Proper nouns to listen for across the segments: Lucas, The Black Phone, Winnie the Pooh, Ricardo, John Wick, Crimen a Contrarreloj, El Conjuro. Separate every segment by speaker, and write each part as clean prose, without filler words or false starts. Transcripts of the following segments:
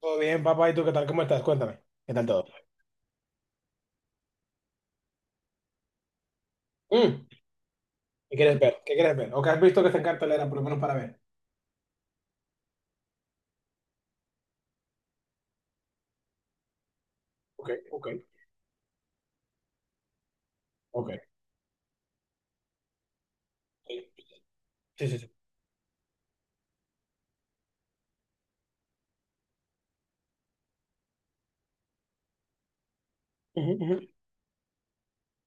Speaker 1: Todo bien, papá. ¿Y tú qué tal? ¿Cómo estás? Cuéntame. ¿Qué tal todo? Mm. ¿Qué quieres ver? ¿Qué quieres ver? ¿O qué has visto que está en cartelera, por lo menos para ver? Ok, ok, ok. Sí, sí, sí, sí. Ujú, ujú.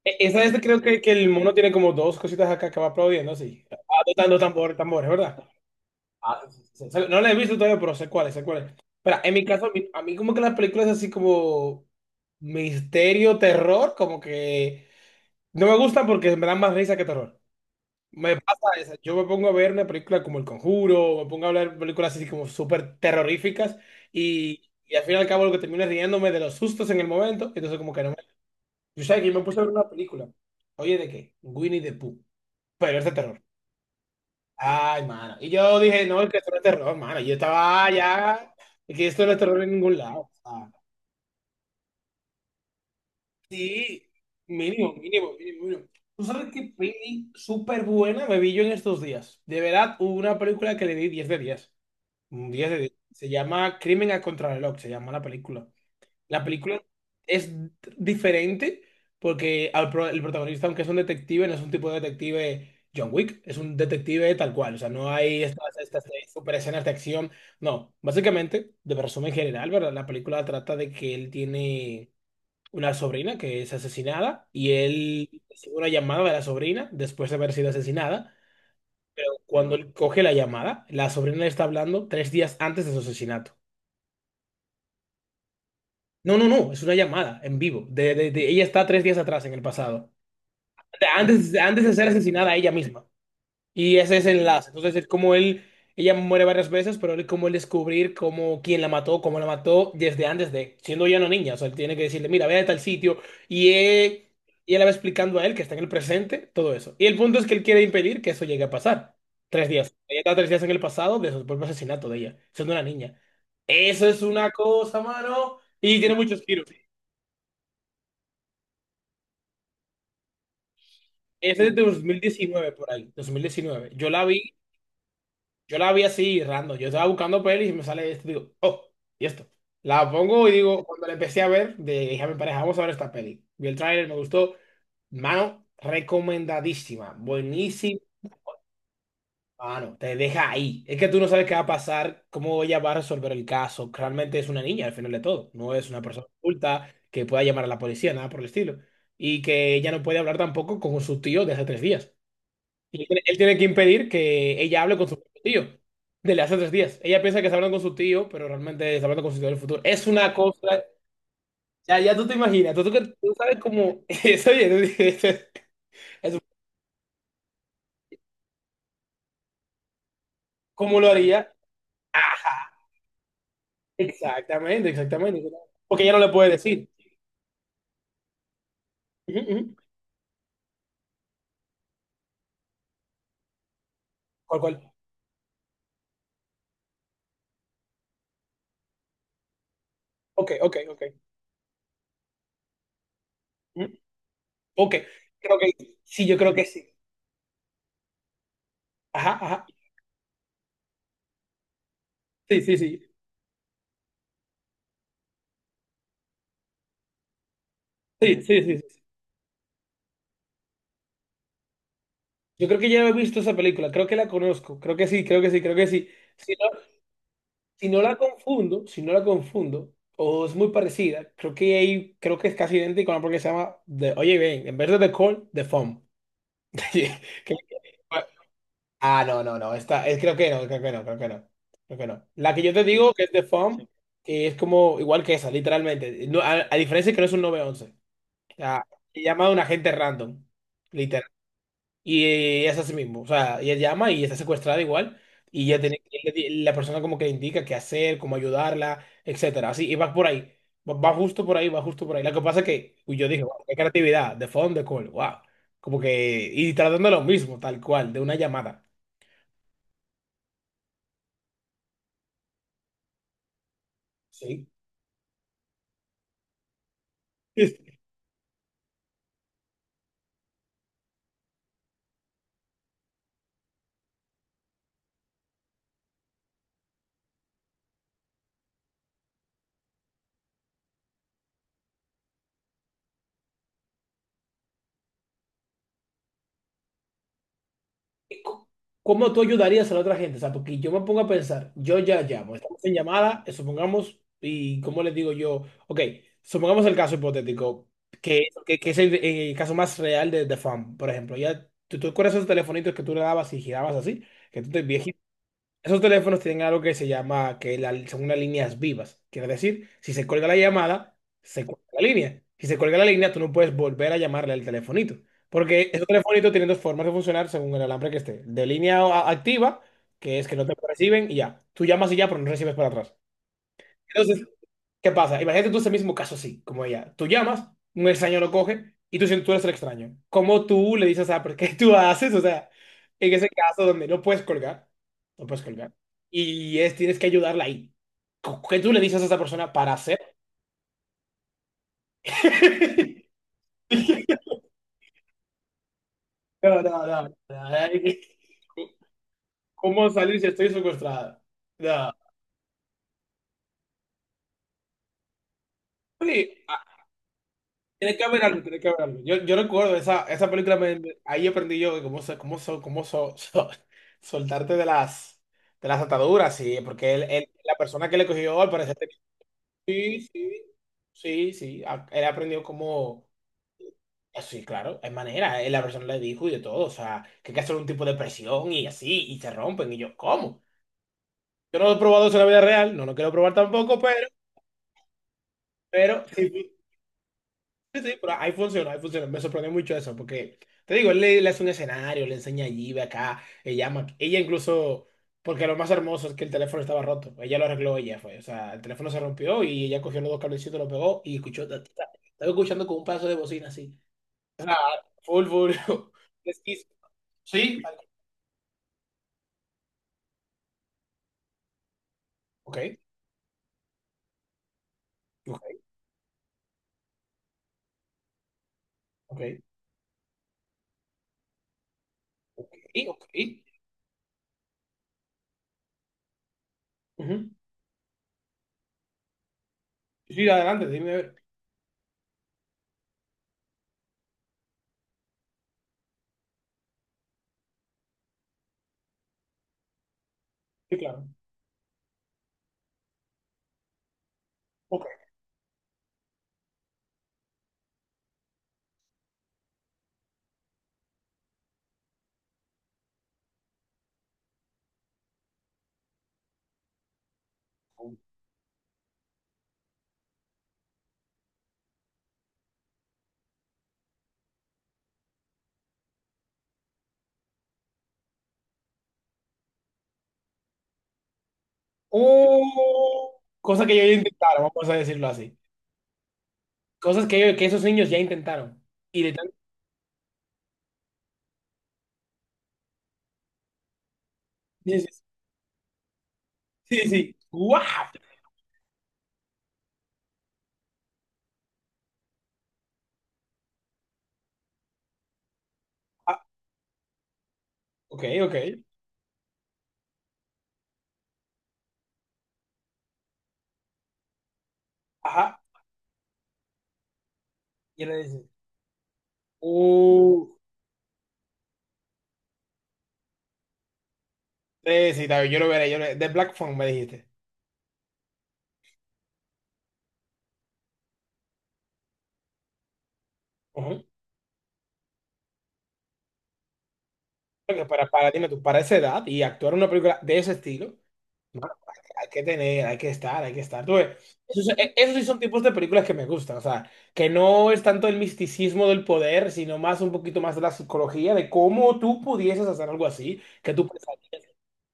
Speaker 1: Esa es, creo que el mono tiene como dos cositas acá que va aplaudiendo, sí. Ah, tocando tambores, ¿verdad? Ah, sí, sí. No la he visto todavía, pero sé cuáles, sé cuáles. Pero en mi caso, a mí como que las películas así como misterio, terror, como que no me gustan porque me dan más risa que terror. Me pasa eso. Yo me pongo a ver una película como El Conjuro, me pongo a ver películas así como súper terroríficas y al fin y al cabo lo que termino es riéndome de los sustos en el momento, entonces como que no me... Yo sabes que yo me puse a ver una película, oye, ¿de qué? Winnie the Pooh, pero es de terror. Ay, mano. Y yo dije, no, es que esto no es terror, mano. Yo estaba ah, ya, es que esto no es terror en ningún lado. Ah, sí, mínimo, mínimo, mínimo, mínimo. ¿Tú sabes qué peli súper buena me vi yo en estos días? De verdad, hubo una película que le di 10 de diez. Un 10 de 10. Se llama Crimen a Contrarreloj, se llama la película. La película es diferente porque el protagonista, aunque es un detective, no es un tipo de detective John Wick, es un detective tal cual. O sea, no hay estas super escenas de acción. No, básicamente, de resumen general, ¿verdad? La película trata de que él tiene una sobrina que es asesinada y él recibe una llamada de la sobrina después de haber sido asesinada. Cuando él coge la llamada, la sobrina le está hablando tres días antes de su asesinato. No, no, no, es una llamada en vivo. Ella está tres días atrás en el pasado. Antes, antes de ser asesinada ella misma. Y ese es el enlace. Entonces, es como él, ella muere varias veces, pero él como él descubrir cómo, quién la mató, cómo la mató desde antes de, siendo ya una niña. O sea, él tiene que decirle, mira, ve a tal sitio. Y él, y él le va explicando a él que está en el presente, todo eso. Y el punto es que él quiere impedir que eso llegue a pasar. Tres días. Ella está tres días en el pasado de el propio asesinato de ella, siendo una niña. Eso es una cosa, mano. Y tiene muchos giros. Esa es de 2019 por ahí, 2019. Yo la vi así random. Yo estaba buscando pelis y me sale esto, digo, oh, y esto. La pongo y digo, cuando la empecé a ver, dije a mi pareja, vamos a ver esta peli. Vi el tráiler, me gustó. Mano, recomendadísima, buenísima. Mano, te deja ahí. Es que tú no sabes qué va a pasar, cómo ella va a resolver el caso. Realmente es una niña al final de todo. No es una persona adulta que pueda llamar a la policía, nada por el estilo. Y que ella no puede hablar tampoco con su tío de hace tres días. Y él tiene que impedir que ella hable con su tío, desde hace tres días. Ella piensa que está hablando con su tío, pero realmente está hablando con su tío del futuro. Es una cosa, ya, ya tú te imaginas, tú sabes cómo, eso, oye, tú dices, eso- eso, cómo lo haría. Exactamente, exactamente. Porque ella no le puede decir. Ujú, ujú. ¿Cuál, cuál? Ok. Ujú. Ok, creo que sí, yo creo que sí. Ajá, ajá. Sí, sí, sí. Sí, sí, sí. Yo creo que ya he visto esa película, creo que la conozco, creo que sí, creo que sí, creo que sí. Si no, si no la confundo, si no la confundo, o es muy parecida, creo que ahí, creo que es casi idéntico a una porque se llama Oye bien, en vez de The Call, The Phone. Que- Ah, no, no, no, esta, es, creo que no, creo que no, creo que no, creo que no. La que yo te digo que es The Phone, sí, que es como igual que esa, literalmente. No, a diferencia que no es un 911. O sea, se llama a un agente random, y es así mismo, o sea, ella llama y está secuestrada igual, y ya tiene, la persona como que le indica qué hacer, cómo ayudarla, etcétera, así, y va por ahí, va, va justo por ahí, va justo por ahí. Lo que pasa es que uy, yo dije, wow, qué creatividad, de phone de call, wow, como que, y tratando lo mismo, tal cual, de una llamada, ¿sí? ¿Cómo tú ayudarías a la otra gente? O sea, porque yo me pongo a pensar, yo ya llamo, estamos en llamada, supongamos, y cómo les digo yo, ok, supongamos el caso hipotético, que es el caso más real de Fan, por ejemplo, ya, ¿tú, tú recuerdas esos telefonitos que tú le dabas y girabas así? Que tú te viejito esos teléfonos tienen algo que se llama, que la, son unas líneas vivas. Quiere decir, si se cuelga la llamada, se cuelga la línea. Si se cuelga la línea, tú no puedes volver a llamarle al telefonito. Porque esos telefonitos tienen dos formas de funcionar según el alambre que esté. Activa, que es que no te reciben y ya. Tú llamas y ya, pero no recibes para atrás. Entonces, ¿qué pasa? Imagínate tú ese mismo caso así, como ella. Tú llamas, un extraño lo coge y tú sientes tú eres el extraño. ¿Cómo tú le dices, ah, pero qué tú haces? O sea, en ese caso donde no puedes colgar, no puedes colgar. Y es, tienes que ayudarla ahí. ¿Qué tú le dices a esa persona para hacer? No, no, no, no. ¿Cómo salir si estoy secuestrada? No. Sí, tiene que haber algo, tiene que haber algo. Yo recuerdo esa, esa película, ahí aprendí yo de cómo, soltarte de las ataduras, sí, porque él, la persona que le cogió al parecer tenía- Sí, sí, sí, sí, él aprendió cómo, ah, sí, claro, hay manera, la persona le dijo y de todo, o sea, que hay que hacer un tipo de presión y así, y se rompen, y yo, ¿cómo? Yo no lo he probado eso en la vida real, no lo quiero probar tampoco, pero sí, sí, sí, sí, pero ahí funciona, ahí funciona. Me sorprendió mucho eso, porque te digo, le hace un escenario, le enseña allí, ve acá, ella llama. Ella incluso, porque lo más hermoso es que el teléfono estaba roto. Ella lo arregló, ella fue. O sea, el teléfono se rompió y ella cogió los dos cablecitos, lo pegó y escuchó. Ta, ta, ta. Estaba escuchando con un pedazo de bocina así. O sea, full, full. Pesquisa. Sí, tal- ok, ok, ok, y- ok. Ujú. Sí, sí, adelante, dime. A ver. Sí, claro. Ok. Oh, cosa que yo ya intentaron, vamos a decirlo así. Cosas que esos niños ya intentaron. Y de tanto dices, sí, sí, ¡guau! Ah, ok, ajá. Y le dices, uh, sí, sí, está bien, yo lo veré, yo lo veré. The Black Phone me dijiste. Ujú. Porque para, dime tú, para esa edad y actuar una película de ese estilo, mano, hay que tener, hay que estar, hay que estar. Tú ves, esos, esos sí son tipos de películas que me gustan, o sea, que no es tanto el misticismo del poder, sino más un poquito más de la psicología, de cómo tú pudieses hacer algo así, que tú pensarías.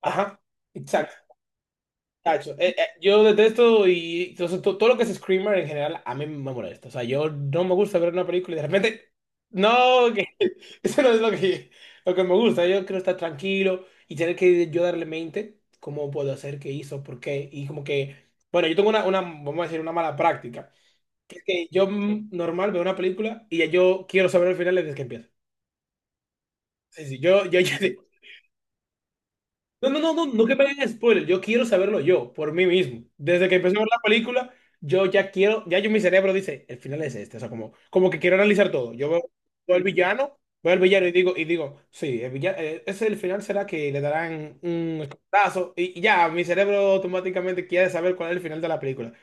Speaker 1: Ajá. Exacto. Cacho, yo detesto y entonces, todo lo que es screamer en general a mí me molesta. O sea, yo no me gusta ver una película y de repente, no, que eso no es lo que me gusta. Yo quiero estar tranquilo y tener que yo darle mente cómo puedo hacer, qué hizo, por qué. Y como que, bueno, yo tengo una, vamos a decir, una mala práctica. Que es que yo normal veo una película y ya yo quiero saber el final desde que empieza. Sí, sí, yo, no, no, no, no, no que me hagan spoiler. Yo quiero saberlo yo, por mí mismo. Desde que empecé a ver la película, yo ya quiero, ya yo mi cerebro dice, el final es este. O sea, como, como que quiero analizar todo. Yo veo, veo al villano, y digo, sí, el villano, ese el final será que le darán un escotazo. Y ya, mi cerebro automáticamente quiere saber cuál es el final de la película.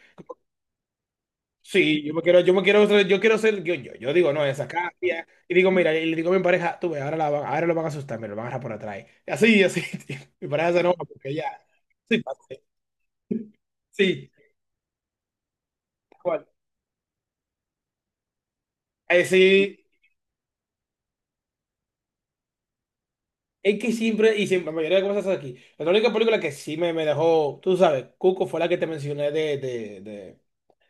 Speaker 1: Sí, yo quiero ser, yo digo, no, esa cambia. Y digo, mira, y le digo a mi pareja, tú ves, ahora, ahora lo van a asustar, me lo van a agarrar por atrás. Y así, así. Tío. Mi pareja se enoja porque ya. Sí, parce, sí, tal cual. Sí, es que siempre, y siempre, la mayoría de cosas aquí. La única película que sí me dejó, tú sabes, Cuco fue la que te mencioné de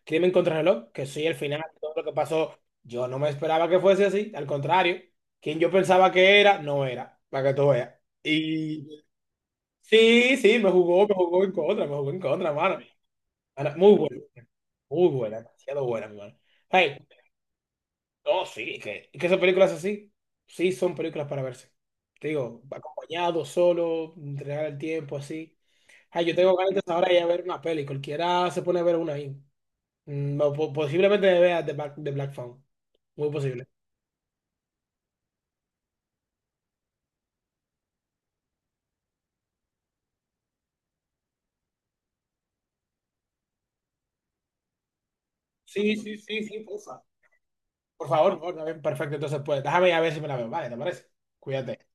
Speaker 1: Crimen contra el reloj, que sí, el final, todo lo que pasó, yo no me esperaba que fuese así, al contrario, quien yo pensaba que era, no era, para que tú veas. Y sí, sí, me jugó en contra, me jugó en contra, mano. Mano, muy buena, demasiado buena, mi mano. Ay, no, sí, que esas películas así, sí son películas para verse. Te digo, acompañado, solo, entregar el tiempo, así. Ay, yo tengo ganas de ahora ir a ver una peli, cualquiera se pone a ver una ahí. Mm, o posiblemente vea The Black, The Black Phone, muy posible. Sí, sí, sí, sí, porfa. Por favor, está bien, perfecto, entonces pues, déjame ir a ver si me la veo, vale, ¿te parece? Cuídate.